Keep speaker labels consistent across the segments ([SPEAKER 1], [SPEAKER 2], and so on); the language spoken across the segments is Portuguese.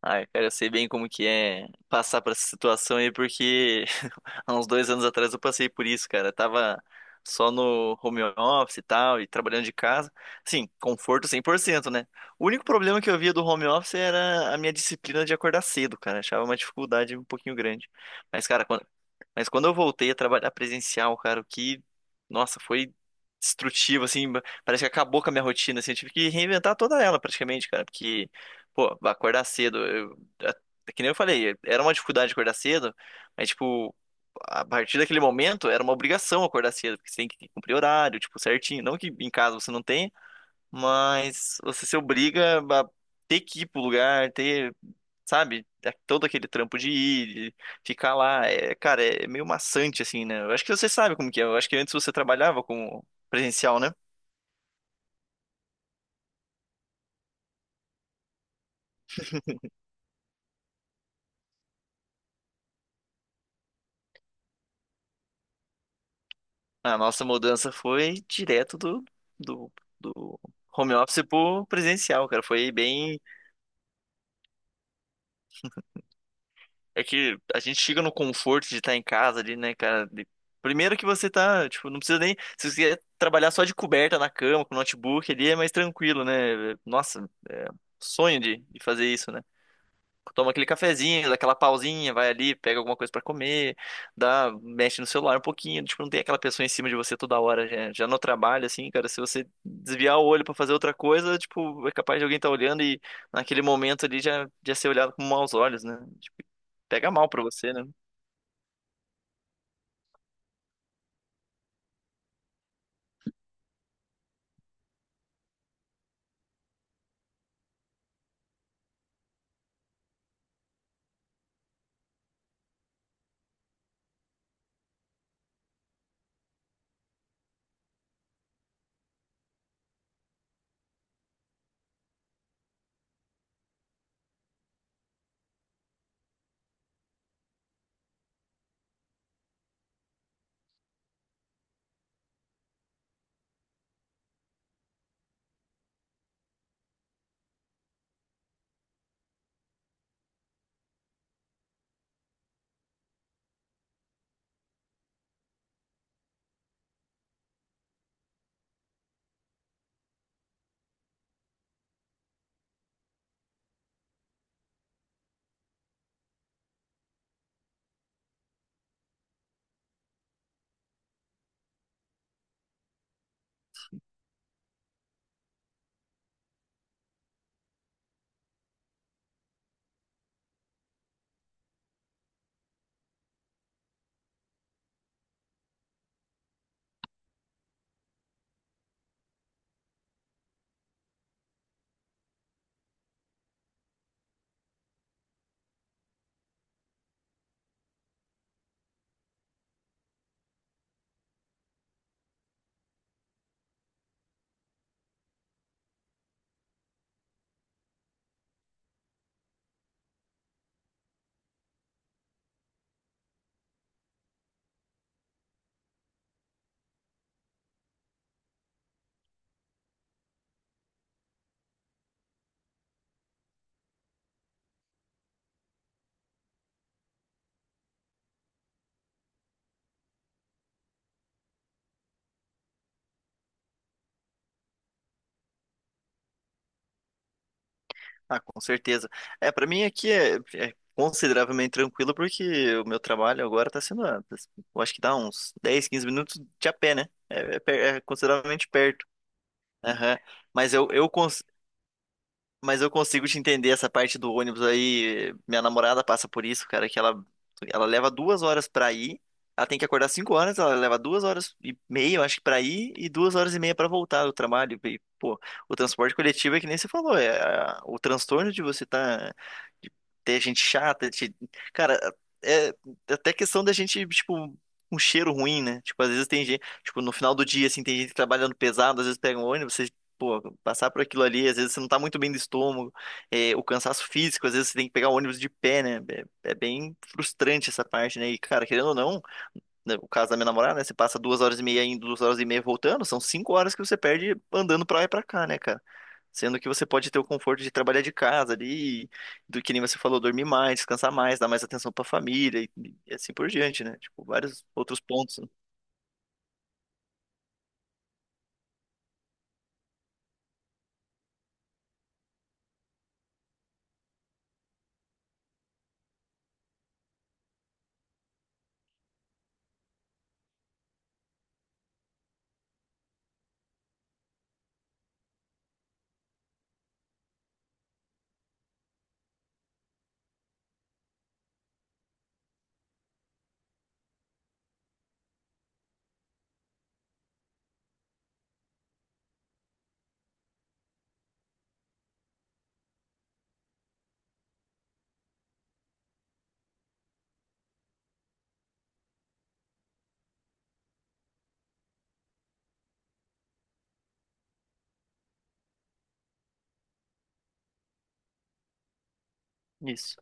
[SPEAKER 1] Ai, cara, eu sei bem como que é passar por essa situação aí, há uns 2 anos atrás eu passei por isso, cara. Tava só no home office e tal, e trabalhando de casa. Sim, conforto 100%, né? O único problema que eu via do home office era a minha disciplina de acordar cedo, cara. Achava uma dificuldade um pouquinho grande. Mas, cara, quando... Mas quando eu voltei a trabalhar presencial, cara, nossa, foi destrutivo, assim. Parece que acabou com a minha rotina, assim. Eu tive que reinventar toda ela, praticamente, cara. Porque, pô, acordar cedo, é que nem eu falei, era uma dificuldade acordar cedo, mas, tipo, a partir daquele momento era uma obrigação acordar cedo, porque você tem que cumprir horário, tipo, certinho. Não que em casa você não tenha, mas você se obriga a ter que ir pro lugar, ter, sabe, é todo aquele trampo de ir, de ficar lá. É, cara, é meio maçante, assim, né? Eu acho que você sabe como que é. Eu acho que antes você trabalhava com presencial, né? A nossa mudança foi direto do, do home office pro presencial, cara. Foi bem É que a gente chega no conforto de estar em casa ali, né, cara? Primeiro que você tá, tipo, não precisa nem. Se você quiser trabalhar só de coberta na cama, com notebook ali, é mais tranquilo, né? Nossa, é um sonho de fazer isso, né? Toma aquele cafezinho, dá aquela pausinha, vai ali, pega alguma coisa pra comer, dá, mexe no celular um pouquinho, tipo, não tem aquela pessoa em cima de você toda hora, já no trabalho, assim, cara, se você desviar o olho pra fazer outra coisa, tipo, é capaz de alguém estar olhando e naquele momento ali já ser olhado com maus olhos, né? Tipo, pega mal pra você, né? Ah, com certeza. É, pra mim aqui é consideravelmente tranquilo porque o meu trabalho agora tá sendo, eu acho que dá uns 10 15 minutos de a pé, né? É consideravelmente perto. Aham. Mas eu, eu cons... mas eu consigo te entender essa parte do ônibus aí. Minha namorada passa por isso, cara, que ela leva duas horas pra ir. Ela tem que acordar 5 horas, ela leva 2 horas e meia, eu acho que pra ir, e 2 horas e meia pra voltar do trabalho. E, pô, o transporte coletivo é que nem você falou, o transtorno de você tá, de ter gente chata, cara, é é até questão da gente, tipo, um cheiro ruim, né? Tipo, às vezes tem gente, tipo, no final do dia, assim, tem gente trabalhando pesado, às vezes pega um ônibus, pô, passar por aquilo ali, às vezes você não tá muito bem do estômago, é, o cansaço físico, às vezes você tem que pegar o ônibus de pé, né? É, é bem frustrante essa parte, né? E, cara, querendo ou não, né, o caso da minha namorada, né? Você passa 2 horas e meia indo, 2 horas e meia voltando, são 5 horas que você perde andando pra lá e pra cá, né, cara? Sendo que você pode ter o conforto de trabalhar de casa ali, do que nem você falou, dormir mais, descansar mais, dar mais atenção pra família e assim por diante, né? Tipo, vários outros pontos, né? Isso.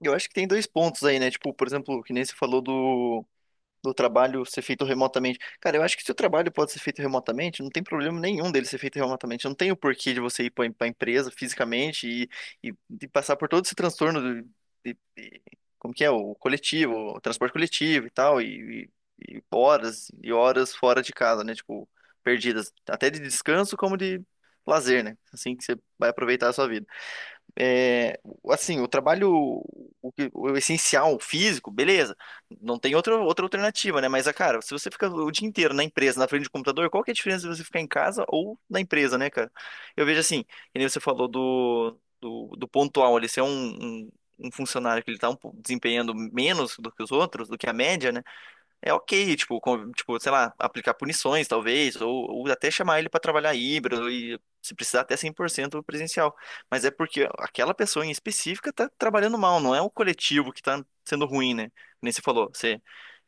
[SPEAKER 1] Eu acho que tem dois pontos aí, né? Tipo, por exemplo, que nem você falou do trabalho ser feito remotamente. Cara, eu acho que se o trabalho pode ser feito remotamente, não tem problema nenhum dele ser feito remotamente. Não tem o porquê de você ir para a empresa fisicamente e, e passar por todo esse transtorno de, de- como que é, o coletivo, o transporte coletivo e tal, e horas fora de casa, né? Tipo, perdidas, até de descanso como de lazer, né? Assim que você vai aproveitar a sua vida é, assim, o trabalho, o essencial, o físico, beleza. Não tem outra alternativa, né? Mas, ah, cara, se você fica o dia inteiro na empresa, na frente do computador, qual que é a diferença de você ficar em casa ou na empresa, né, cara? Eu vejo assim, que nem você falou do pontual ali, se é um funcionário que ele tá um pouco desempenhando menos do que os outros, do que a média, né? É ok, tipo, tipo, sei lá, aplicar punições, talvez, ou até chamar ele para trabalhar híbrido e se precisar até 100% presencial. Mas é porque aquela pessoa em específica tá trabalhando mal, não é o coletivo que tá sendo ruim, né? Nem você falou, você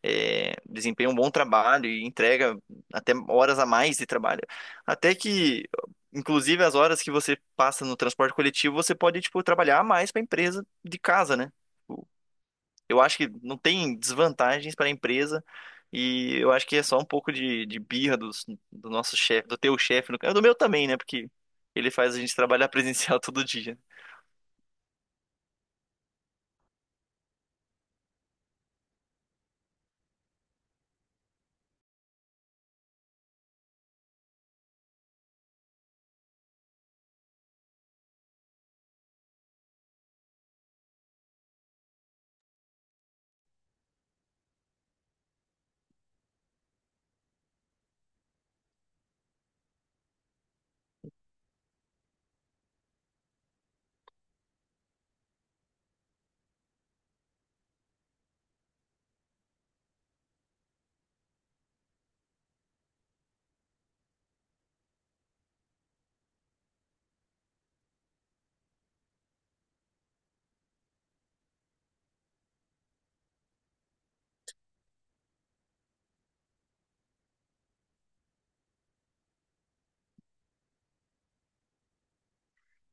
[SPEAKER 1] é, desempenha um bom trabalho e entrega até horas a mais de trabalho. Até que, inclusive, as horas que você passa no transporte coletivo, você pode, tipo, trabalhar a mais para a empresa de casa, né? Eu acho que não tem desvantagens para a empresa e eu acho que é só um pouco de birra do nosso chefe, do teu chefe, no caso, do meu também, né? Porque ele faz a gente trabalhar presencial todo dia.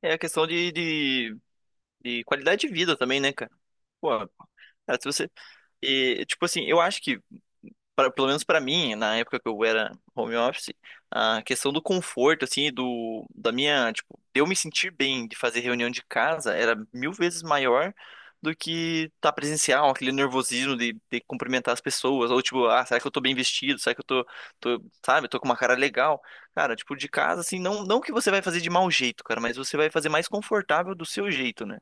[SPEAKER 1] É a questão de qualidade de vida também, né, cara? Pô, cara, se você. E, tipo assim, eu acho que pelo menos pra mim, na época que eu era home office, a questão do conforto, assim, tipo, de eu me sentir bem de fazer reunião de casa era 1000 vezes maior do que tá presencial, aquele nervosismo de cumprimentar as pessoas, ou tipo, ah, será que eu tô bem vestido? Será que eu sabe, tô com uma cara legal? Cara, tipo, de casa, assim, não, não que você vai fazer de mau jeito, cara, mas você vai fazer mais confortável do seu jeito, né?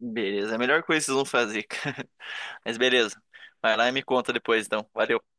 [SPEAKER 1] Beleza, é a melhor coisa que vocês vão fazer, cara. Mas beleza. Vai lá e me conta depois, então. Valeu.